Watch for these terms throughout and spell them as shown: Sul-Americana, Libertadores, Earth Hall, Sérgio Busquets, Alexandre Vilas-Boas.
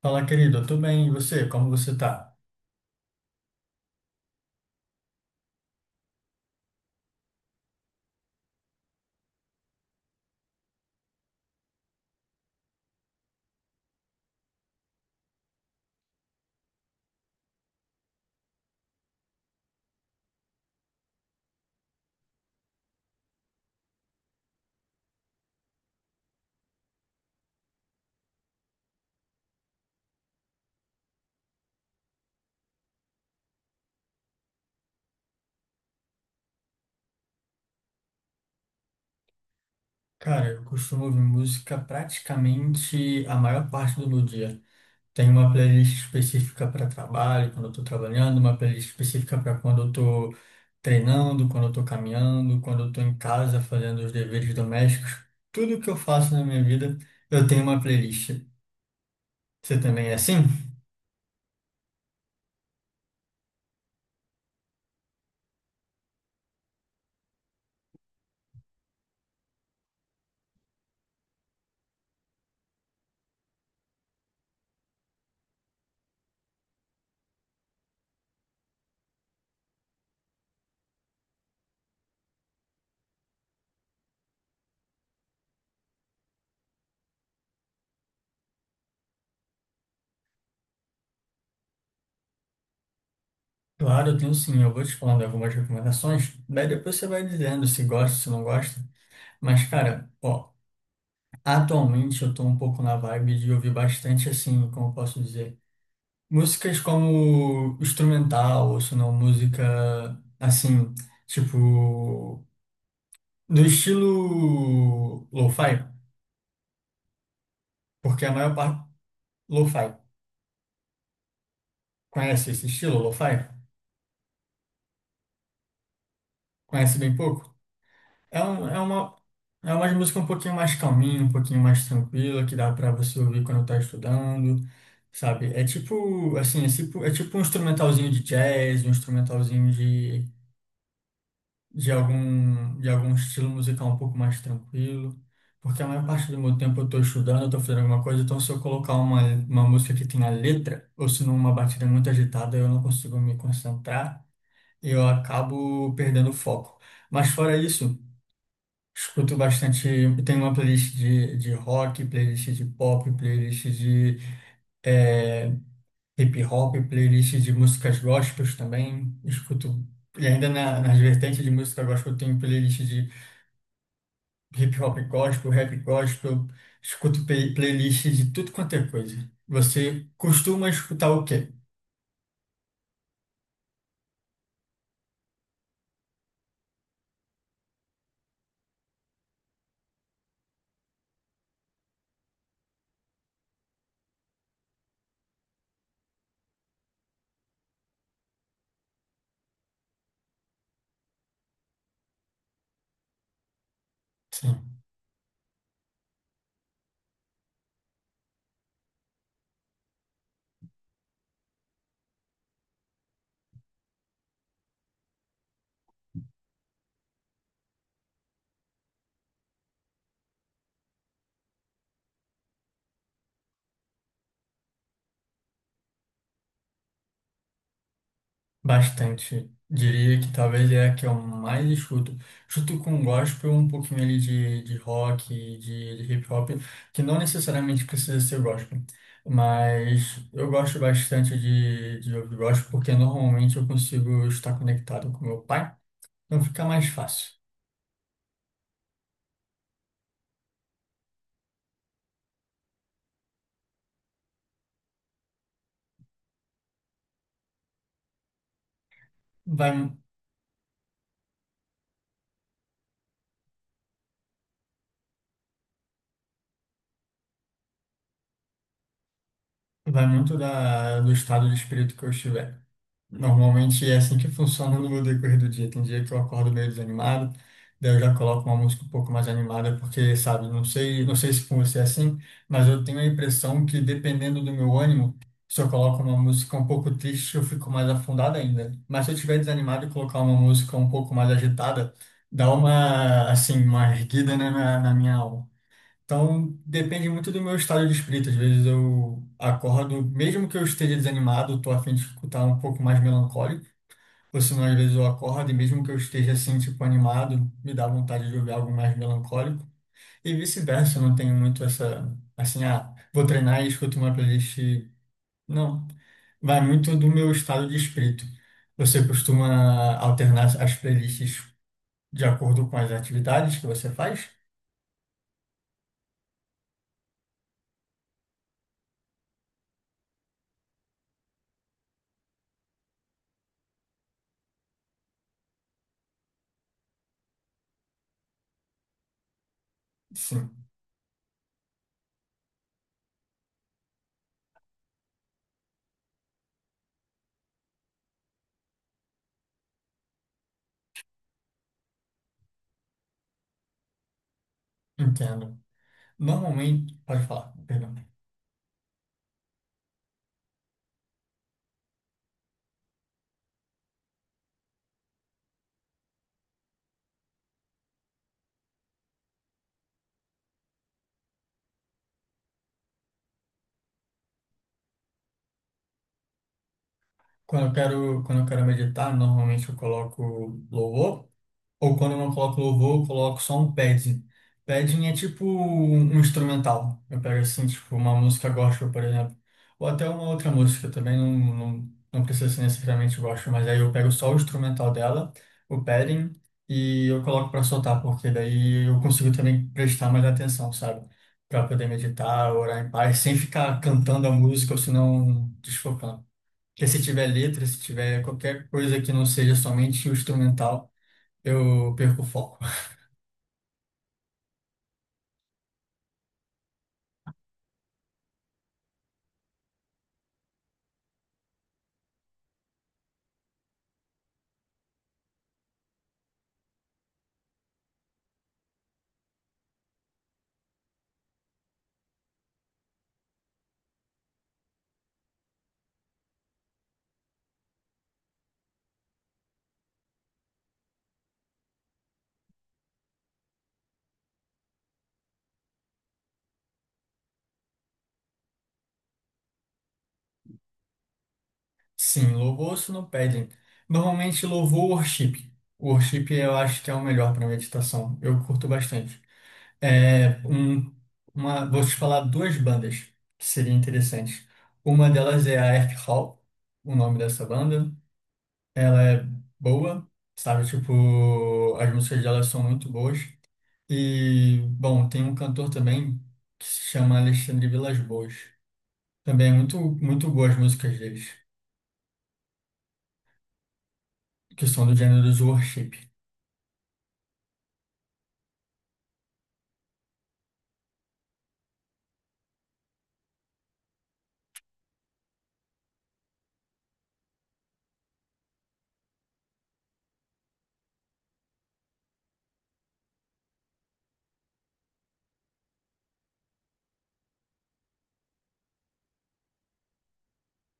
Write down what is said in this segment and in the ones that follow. Fala, querido, eu tô bem, e você? Como você tá? Cara, eu costumo ouvir música praticamente a maior parte do meu dia. Tem uma playlist específica para trabalho, quando eu tô trabalhando, uma playlist específica para quando eu tô treinando, quando eu tô caminhando, quando eu tô em casa fazendo os deveres domésticos. Tudo que eu faço na minha vida, eu tenho uma playlist. Você também é assim? Claro, eu tenho sim. Eu vou te falando algumas recomendações, daí depois você vai dizendo se gosta, se não gosta. Mas, cara, ó. Atualmente eu estou um pouco na vibe de ouvir bastante, assim, como eu posso dizer, músicas como instrumental, ou se não, música, assim, tipo, do estilo lo-fi, porque a maior parte... Lo-fi. Conhece esse estilo, lo-fi? Conhece bem pouco? É, um, é uma, é uma música um pouquinho mais calminha, um pouquinho mais tranquila, que dá pra você ouvir quando tá estudando, sabe? É tipo, assim, é tipo um instrumentalzinho de jazz, um instrumentalzinho de algum estilo musical um pouco mais tranquilo. Porque a maior parte do meu tempo eu tô estudando, eu tô fazendo alguma coisa, então se eu colocar uma música que tenha letra, ou se não uma batida muito agitada, eu não consigo me concentrar, eu acabo perdendo o foco. Mas fora isso, escuto bastante, tenho uma playlist de rock, playlist de pop, playlist de eh, hip hop, playlist de músicas gospels também. Escuto, e ainda nas vertentes de música gospel, eu tenho playlist de hip hop gospel, rap gospel, escuto playlist de tudo quanto é coisa. Você costuma escutar o quê? Sim. Bastante. Diria que talvez é a que eu mais escuto. Escuto com gospel, um pouquinho ali de rock, de hip hop, que não necessariamente precisa ser gospel. Mas eu gosto bastante de ouvir gospel, porque normalmente eu consigo estar conectado com meu pai, então fica mais fácil. Vai, vai muito do estado de espírito que eu estiver. Normalmente é assim que funciona no meu decorrer do dia. Tem dia que eu acordo meio desanimado, daí eu já coloco uma música um pouco mais animada, porque, sabe, não sei, não sei se com você é assim, mas eu tenho a impressão que dependendo do meu ânimo, se eu coloco uma música um pouco triste, eu fico mais afundado ainda. Mas se eu estiver desanimado e colocar uma música um pouco mais agitada, dá uma, assim, uma erguida, né, na minha alma. Então, depende muito do meu estado de espírito. Às vezes eu acordo, mesmo que eu esteja desanimado, tô a fim de escutar um pouco mais melancólico. Ou senão, às vezes eu acordo e mesmo que eu esteja assim, tipo, animado, me dá vontade de ouvir algo mais melancólico. E vice-versa, eu não tenho muito essa, assim, ah, vou treinar e escuto uma playlist. Não. Vai muito do meu estado de espírito. Você costuma alternar as playlists de acordo com as atividades que você faz? Sim, entendo. Normalmente, pode falar, perdão. Quando eu quero meditar, normalmente eu coloco louvor. Ou quando eu não coloco louvor, eu coloco só um padding. Padding é tipo um instrumental. Eu pego assim, tipo, uma música gospel, por exemplo. Ou até uma outra música também, não precisa ser necessariamente gospel, mas aí eu pego só o instrumental dela, o padding, e eu coloco pra soltar, porque daí eu consigo também prestar mais atenção, sabe? Pra poder meditar, orar em paz, sem ficar cantando a música ou senão desfocando. Porque se tiver letra, se tiver qualquer coisa que não seja somente o instrumental. Eu perco o foco. Sim, louvor se não pedem. Normalmente louvor ou worship. O worship eu acho que é o melhor para meditação. Eu curto bastante. É um, vou te falar duas bandas que seria interessante. Uma delas é a Earth Hall, o nome dessa banda. Ela é boa, sabe? Tipo, as músicas dela são muito boas. E, bom, tem um cantor também que se chama Alexandre Vilas-Boas. Também é muito, muito boas as músicas deles. Questão do gênero do worship.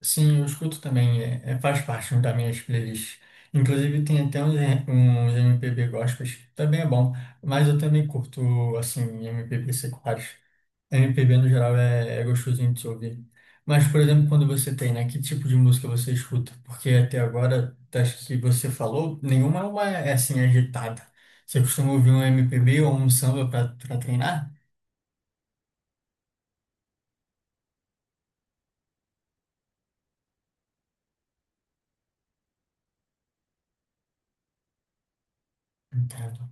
Sim, eu escuto também, faz parte né, das minhas playlists. Inclusive tem até uns MPB gospels, também é bom, mas eu também curto, assim, MPB seculares. MPB no geral é, é gostosinho de se ouvir. Mas, por exemplo, quando você tem, né, que tipo de música você escuta? Porque até agora, das que você falou, nenhuma é, uma, é assim, agitada. Você costuma ouvir um MPB ou um samba para treinar? Entendo.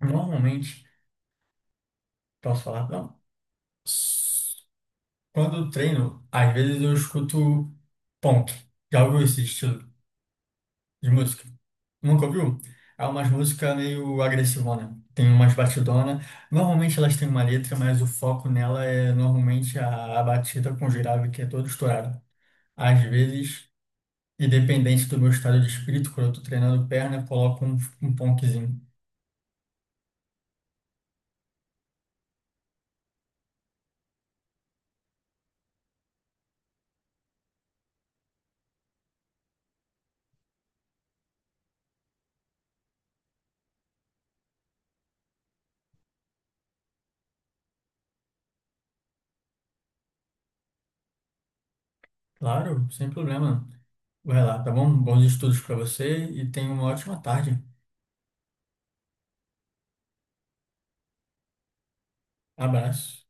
Normalmente, posso falar? Não? Quando eu treino, às vezes eu escuto punk. Já ouviu esse estilo de música? Nunca ouviu? É umas músicas meio agressivona. Tem umas batidona. Normalmente elas têm uma letra, mas o foco nela é normalmente a batida com grave, que é todo estourado. Às vezes, independente do meu estado de espírito, quando eu tô treinando perna, eu coloco um punkzinho. Claro, sem problema. Vai lá, tá bom? Bons estudos pra você e tenha uma ótima tarde. Abraço.